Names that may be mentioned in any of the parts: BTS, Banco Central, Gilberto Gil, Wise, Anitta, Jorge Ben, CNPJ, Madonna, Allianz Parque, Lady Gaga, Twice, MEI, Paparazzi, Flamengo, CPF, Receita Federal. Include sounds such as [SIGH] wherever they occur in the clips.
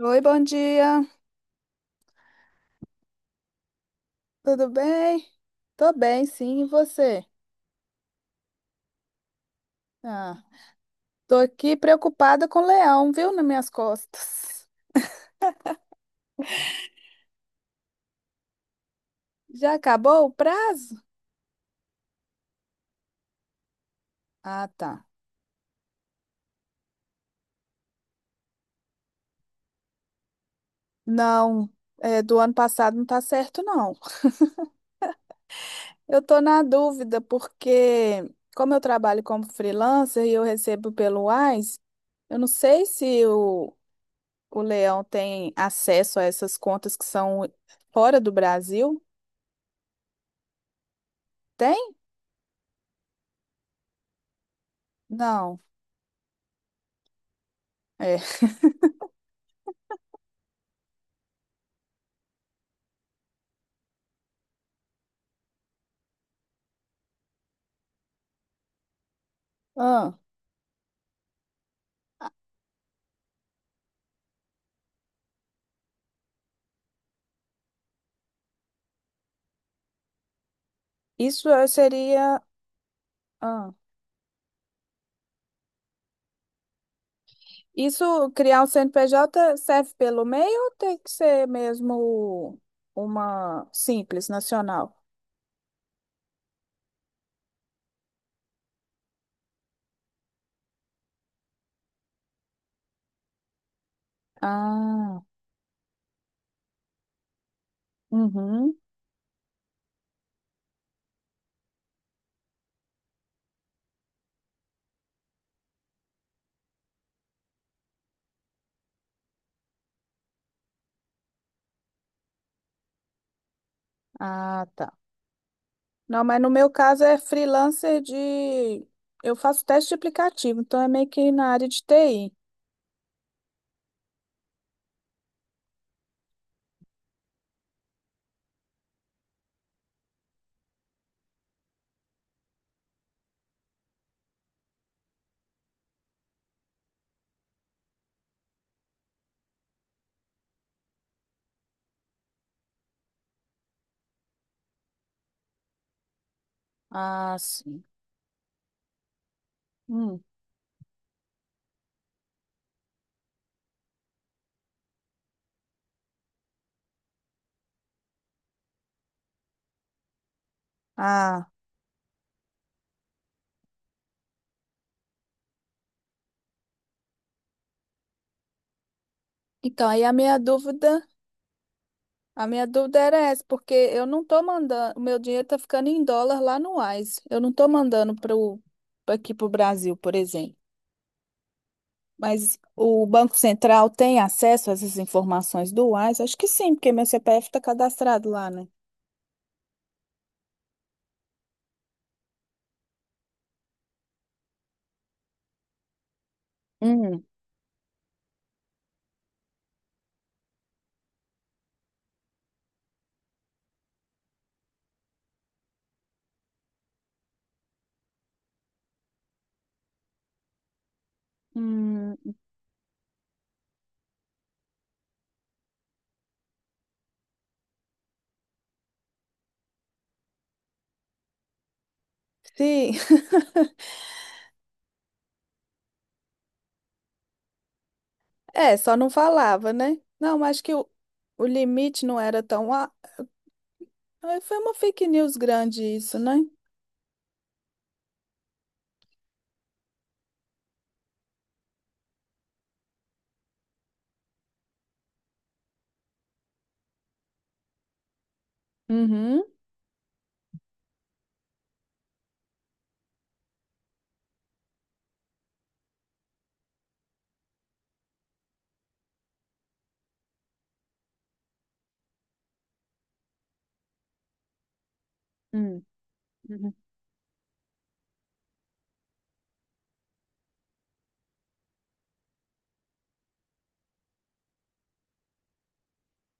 Oi, bom dia. Tudo bem? Tô bem, sim. E você? Ah, tô aqui preocupada com o leão, viu, nas minhas costas. Já acabou o prazo? Ah, tá. Não, é, do ano passado não tá certo, não. Eu tô na dúvida porque, como eu trabalho como freelancer e eu recebo pelo Wise, eu não sei se o leão tem acesso a essas contas que são fora do Brasil. Tem? Não. É. Ah. Isso seria. Ah, isso, criar um CNPJ serve pelo MEI ou tem que ser mesmo uma simples nacional? Ah, uhum. Ah, tá. Não, mas no meu caso é freelancer de. Eu faço teste de aplicativo, então é meio que na área de TI. Ah, sim. Hum. Ah, então aí a minha dúvida. A minha dúvida era essa, porque eu não tô mandando, o meu dinheiro tá ficando em dólar lá no Wise. Eu não tô mandando para aqui pro Brasil, por exemplo. Mas o Banco Central tem acesso a essas informações do Wise? Acho que sim, porque meu CPF tá cadastrado lá, né? Hum. Hum, sim, [LAUGHS] é, só não falava, né? Não, acho que o limite não era tão. Ah, foi uma fake news grande isso, né? Uhum. Hum.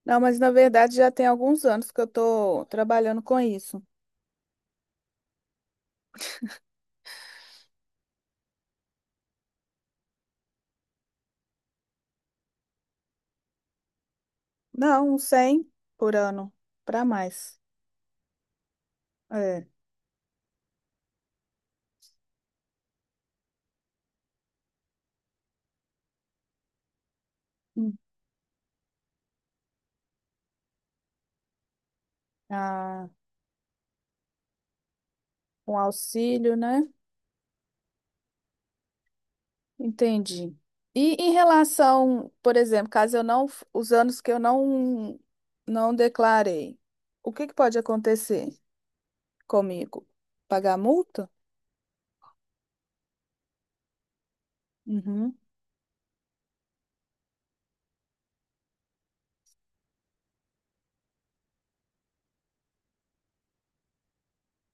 Não, mas na verdade já tem alguns anos que eu tô trabalhando com isso. Não, uns 100 por ano, para mais. É. Hum. Ah, um auxílio, né? Entendi. E em relação, por exemplo, caso eu não, f- os anos que eu não declarei, o que que pode acontecer comigo? Pagar multa? Uhum.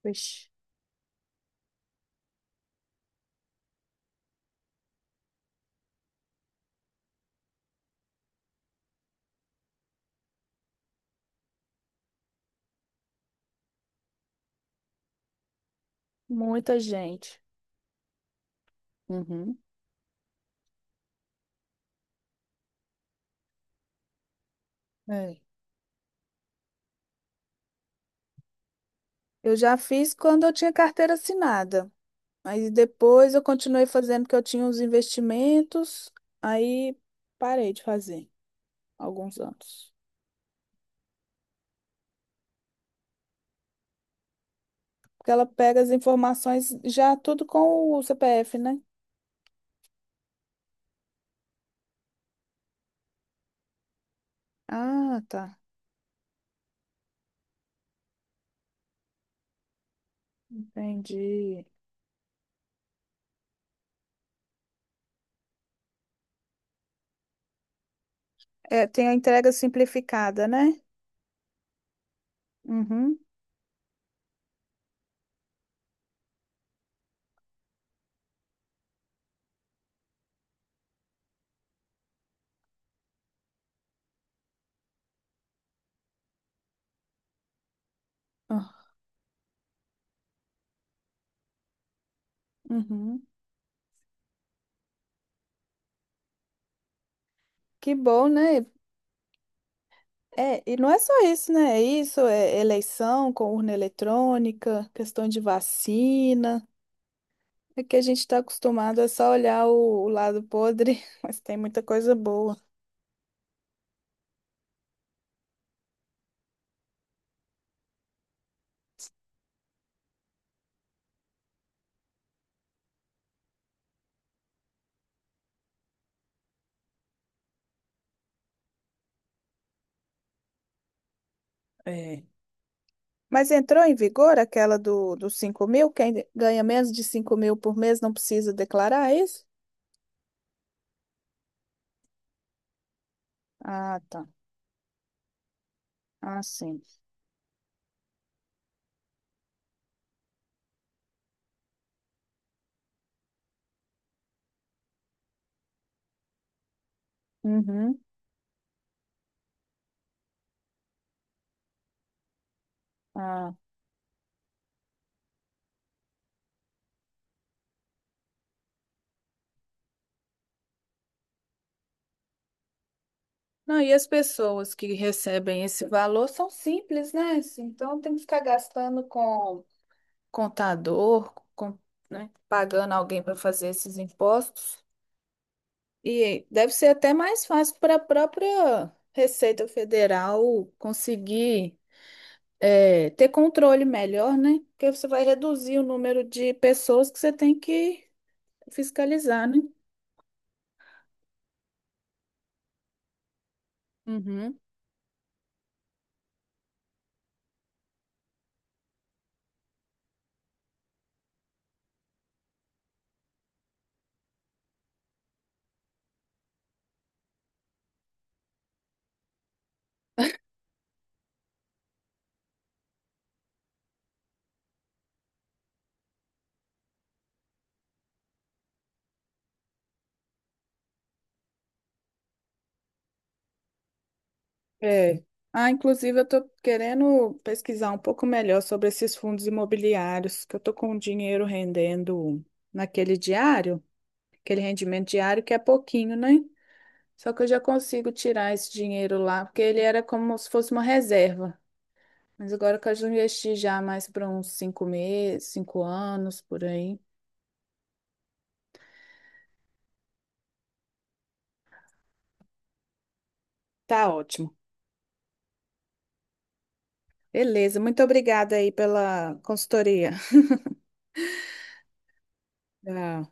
Vixe, muita gente. Uhum. É. Eu já fiz quando eu tinha carteira assinada. Aí depois eu continuei fazendo porque eu tinha uns investimentos, aí parei de fazer alguns anos. Porque ela pega as informações já tudo com o CPF, né? Ah, tá. Entendi. É, tem a entrega simplificada, né? Uhum. Ah, uhum. Que bom, né? É, e não é só isso, né? É isso, é eleição com urna eletrônica, questão de vacina. É que a gente está acostumado a só olhar o lado podre, [LAUGHS] mas tem muita coisa boa. É. Mas entrou em vigor aquela dos 5 mil? Quem ganha menos de 5.000 por mês não precisa declarar é isso? Ah, tá. Ah, sim. Uhum. Ah. Não, e as pessoas que recebem esse valor são simples, né? Assim, então tem que ficar gastando com contador, né? Pagando alguém para fazer esses impostos. E deve ser até mais fácil para a própria Receita Federal conseguir ter controle melhor, né? Porque você vai reduzir o número de pessoas que você tem que fiscalizar, né? Uhum. É. Ah, inclusive eu estou querendo pesquisar um pouco melhor sobre esses fundos imobiliários, que eu estou com o dinheiro rendendo naquele diário, aquele rendimento diário que é pouquinho, né? Só que eu já consigo tirar esse dinheiro lá, porque ele era como se fosse uma reserva. Mas agora que eu já investi já mais para uns 5 meses, 5 anos por aí, tá ótimo. Beleza, muito obrigada aí pela consultoria. Tchau.